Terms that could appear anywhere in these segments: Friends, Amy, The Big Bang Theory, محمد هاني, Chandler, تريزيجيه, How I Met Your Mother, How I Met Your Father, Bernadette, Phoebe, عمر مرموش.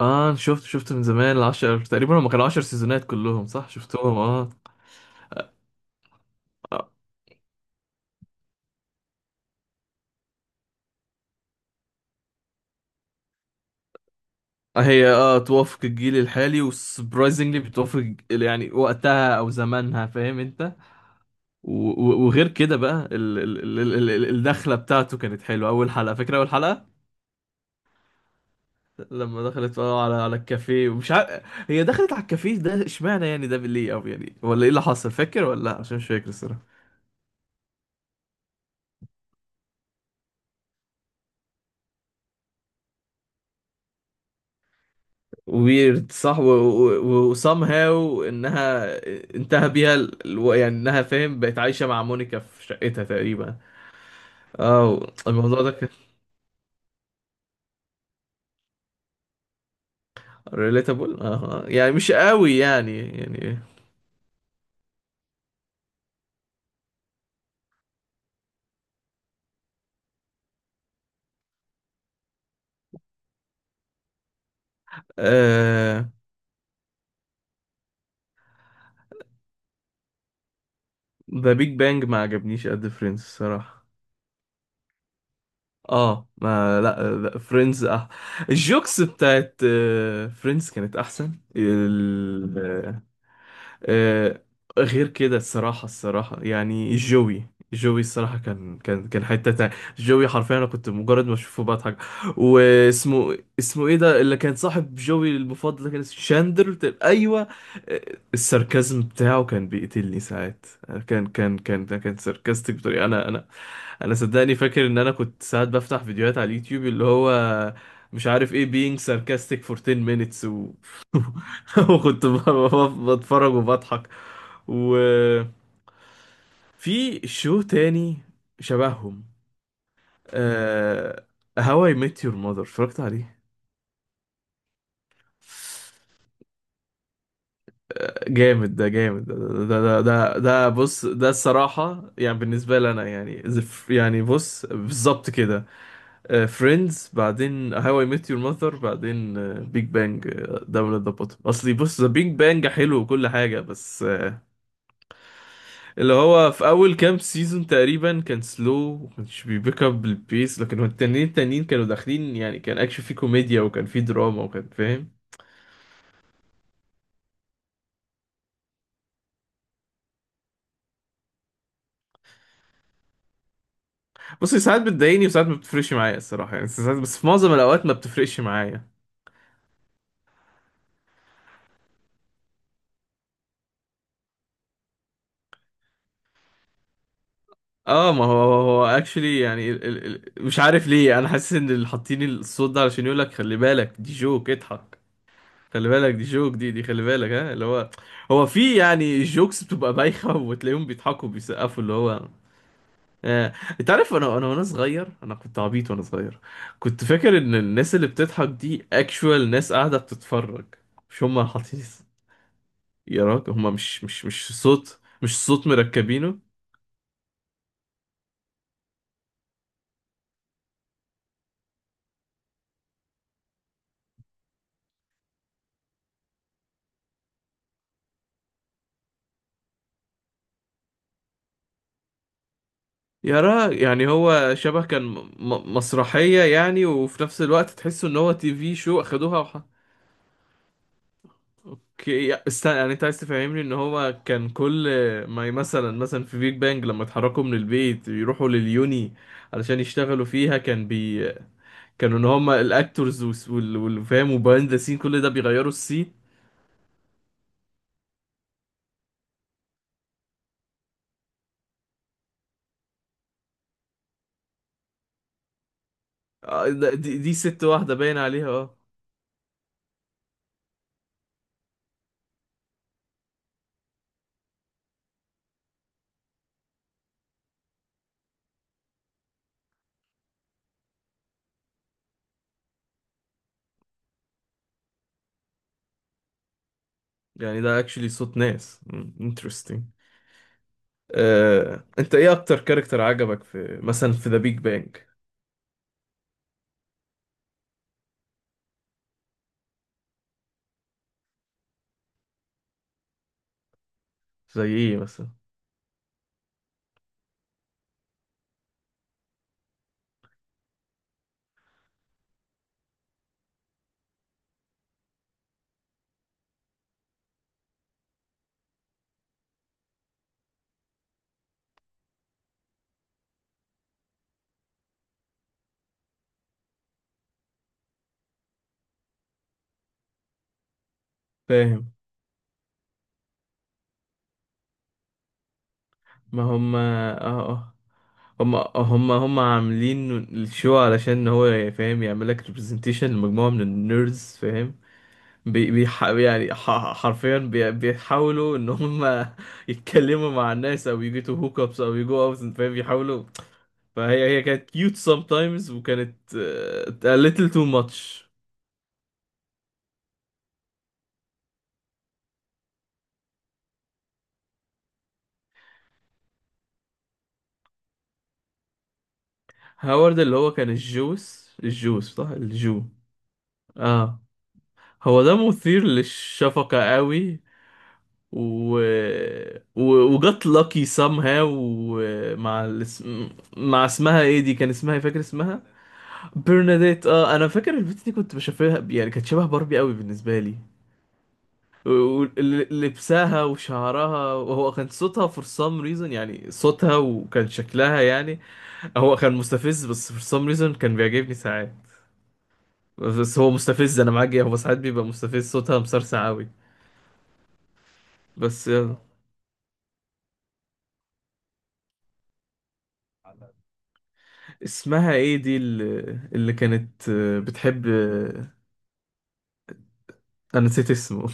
اه شفت من زمان العشر تقريبا هم كانوا عشر سيزونات كلهم صح شفتهم اه. هي توافق الجيل الحالي وسبرايزنجلي بتوافق يعني وقتها او زمانها فاهم انت. وغير كده بقى الدخله بتاعته كانت حلوه، اول حلقه فاكره اول حلقه لما دخلت على الكافيه ومش عارف، هي دخلت على الكافيه ده اشمعنى يعني ده ليه او يعني ولا ايه اللي حصل، فاكر ولا لا؟ عشان مش فاكر ويرد صح. و هاو انها انتهى بيها يعني انها فاهم بقت عايشة مع مونيكا في شقتها تقريبا. اه الموضوع ده كان ريليتابل، اه يعني مش قوي يعني يعني. آه، ذا بيج بانج ما عجبنيش قد فريندز الصراحة. اه ما لا فريندز اه. الجوكس بتاعت فريندز كانت احسن آه، غير كده الصراحة الصراحة يعني جوي، جوي الصراحة كان حتة تانية. جوي حرفيا أنا كنت مجرد ما أشوفه بضحك. واسمه اسمه إيه ده اللي كان صاحب جوي المفضل ده؟ كان اسمه أيوه. آه، الساركازم بتاعه كان بيقتلني ساعات، آه، كان ده كان ساركاستيك بطريقة أنا. أنا صدقني فاكر إن أنا كنت ساعات بفتح فيديوهات على اليوتيوب اللي هو مش عارف إيه being sarcastic for 10 minutes. وكنت بتفرج وبضحك. وفي شو تاني شبههم؟ آه... هواي I Met Your Mother اتفرجت عليه، جامد ده، جامد ده، ده بص ده الصراحة يعني بالنسبة لي أنا يعني يعني بص بالظبط كده. فريندز بعدين هاو اي ميت يور ماذر بعدين بيج بانج. داون ات ذا بوتوم أصلي، بص ذا بيج بانج حلو وكل حاجة بس آه، اللي هو في اول كام سيزون تقريبا كان سلو ومكانش بيبيك اب البيس، لكن هو التانيين التانيين كانوا داخلين يعني كان اكشن فيه كوميديا وكان فيه دراما وكان فاهم. بص هي ساعات بتضايقني وساعات ما بتفرقش معايا الصراحه، يعني ساعات بس في معظم الاوقات ما بتفرقش معايا. اه ما هو هو اكشلي يعني ال ال ال مش عارف ليه انا حاسس ان اللي حاطين الصوت ده علشان يقول لك خلي بالك دي جوك اضحك. خلي بالك دي جوك دي خلي بالك ها اللي هو هو في يعني جوكس بتبقى بايخه وتلاقيهم بيضحكوا وبيسقفوا اللي هو آه، انت عارف انا وانا صغير انا كنت عبيط وانا صغير كنت فاكر ان الناس اللي بتضحك دي اكشوال ناس قاعده بتتفرج مش هم حاطين. يا راجل هم مش صوت مركبينه. يا راجل يعني هو شبه كان مسرحيه يعني، وفي نفس الوقت تحس ان هو تي في شو اخدوها استنى يعني انت عايز تفهمني ان هو كان كل ما ي- مثلا في بيج بانج لما اتحركوا من البيت يروحوا لليوني علشان يشتغلوا فيها كان بي كانوا ان هم الاكتورز والفام وبايند ذا سين كل ده بيغيروا السي. آه، دي ست واحده باين عليها اه. يعني ده اكشلي صوت ناس، انترستنج. آه، انت ايه اكتر كاركتر عجبك في مثلا في ذا بيج بانج؟ زي ايه مثلا؟ فاهم. ما هم اه اه هم عاملين الشو علشان هو فاهم يعمل لك ريبرزنتيشن لمجموعه من النيردز فاهم. بي بيح يعني حرفيا بيحاولوا ان هم يتكلموا مع الناس او يجيتوا هوك ابس او يجو اوت فاهم بيحاولوا. فهي كانت كيوت sometimes، وكانت آه، a little too much. هاورد اللي هو كان الجوس صح الجو. اه. هو ده مثير للشفقة قوي. و... و... وجت لاكي somehow ومع مع اسمها ايه دي، كان اسمها إيه؟ فاكر اسمها؟ برناديت اه. انا فاكر البت دي كنت بشوفها، يعني كانت شبه باربي قوي بالنسبه لي، ولبسها وشعرها، وهو كان صوتها for some reason، يعني صوتها وكان شكلها يعني. هو كان مستفز بس for some reason كان بيعجبني ساعات. بس هو مستفز، انا معاك هو ساعات بيبقى مستفز، صوتها مسرسع قوي. بس يلا. اسمها ايه اللي كانت آه، بتحب، انا نسيت اسمه.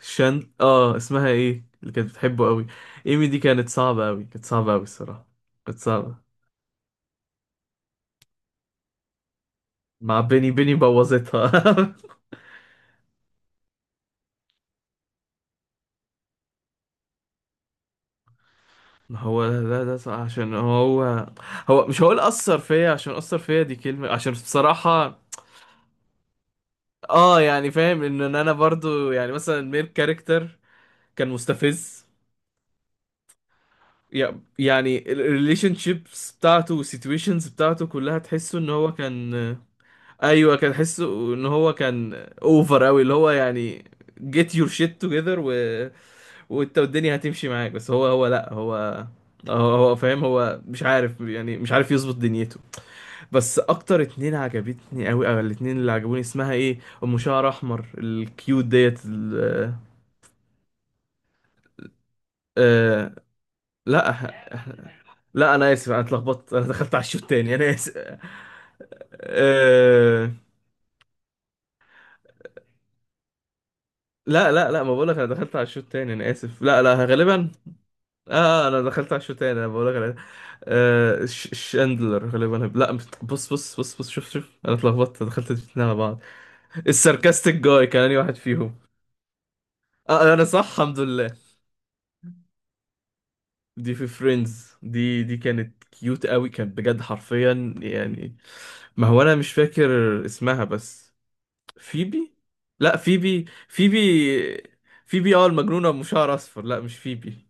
شان اه اسمها ايه اللي كانت بتحبه قوي؟ ايمي. دي كانت صعبة قوي، كانت صعبة قوي الصراحة. كانت صعبة مع بيني، بيني بوظتها. ما هو لا ده صح عشان هو. هو مش هقول اثر فيا، عشان اثر فيا دي كلمة، عشان بصراحة اه يعني فاهم ان إن انا برضو يعني مثلا الميل كاركتر كان مستفز، يعني الريليشن شيبس بتاعته والسيتويشنز بتاعته كلها تحسه ان هو كان. ايوه كان حسه ان هو كان اوفر قوي اللي هو يعني get your shit together و... وانت والدنيا هتمشي معاك. بس هو لا هو هو فاهم، هو مش عارف يعني مش عارف يظبط دنيته. بس اكتر اتنين عجبتني قوي او الاتنين اللي عجبوني اسمها ايه، ام شعر احمر الكيوت ديت آه... لا لا انا اسف، انا اتلخبطت، انا دخلت على الشوط تاني انا اسف. آه... لا لا لا ما بقولك انا دخلت على الشوط تاني انا اسف. لا لا غالبا. اه انا دخلت على الشوط تاني انا بقول لك آه شاندلر غالبا لا بص بص شوف انا اتلخبطت دخلت الاتنين على بعض. الساركاستيك جاي كان أنهي واحد فيهم؟ اه انا صح الحمد لله. دي في فريندز، دي كانت كيوت قوي، كانت بجد حرفيا يعني. ما هو انا مش فاكر اسمها بس. فيبي؟ لا فيبي. فيبي اه المجنونة بشعر اصفر؟ لا مش فيبي.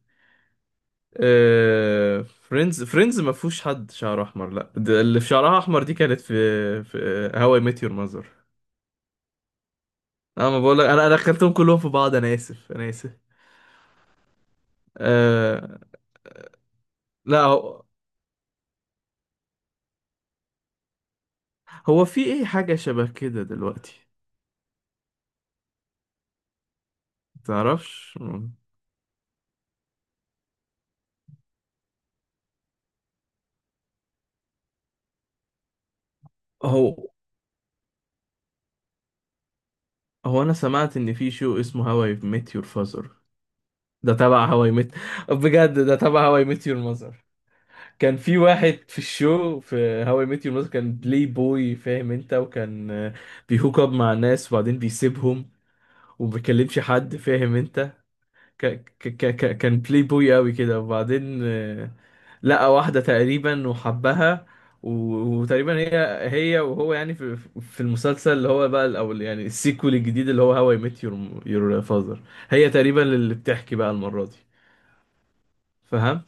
آه، فريندز ما فيهوش حد شعره احمر، لا ده اللي في شعرها احمر دي كانت في، في هواي ميت يور ماذر. انا ما بقول لك أنا دخلتهم كلهم في بعض انا اسف انا اسف. أه لا هو هو في ايه حاجه شبه كده دلوقتي؟ تعرفش هو هو انا سمعت ان في شو اسمه هواي ميت يور فازر، ده تبع هواي ميت. بجد ده تبع هواي ميت يور. كان في واحد في الشو في هاو اي ميت يور ماذر كان بلاي بوي فاهم انت، وكان آه، بيهوك اب مع ناس وبعدين بيسيبهم وما بيكلمش حد فاهم انت. ك كان بلاي بوي قوي كده، وبعدين آه، لقى واحدة تقريبا وحبها، وتقريبا هي وهو يعني في المسلسل اللي هو بقى او يعني السيكول الجديد اللي هو هاو اي ميت يور فاذر هي تقريبا اللي بتحكي بقى المرة دي فاهم.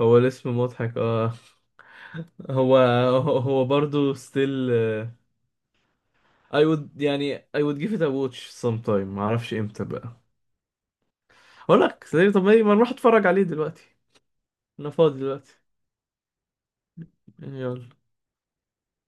هو الاسم مضحك اه. هو هو برضه still I would يعني I would give it a watch sometime، معرفش امتى بقى اقول لك. طب ما نروح اتفرج عليه دلوقتي؟ انا فاضي دلوقتي، يعني يلا.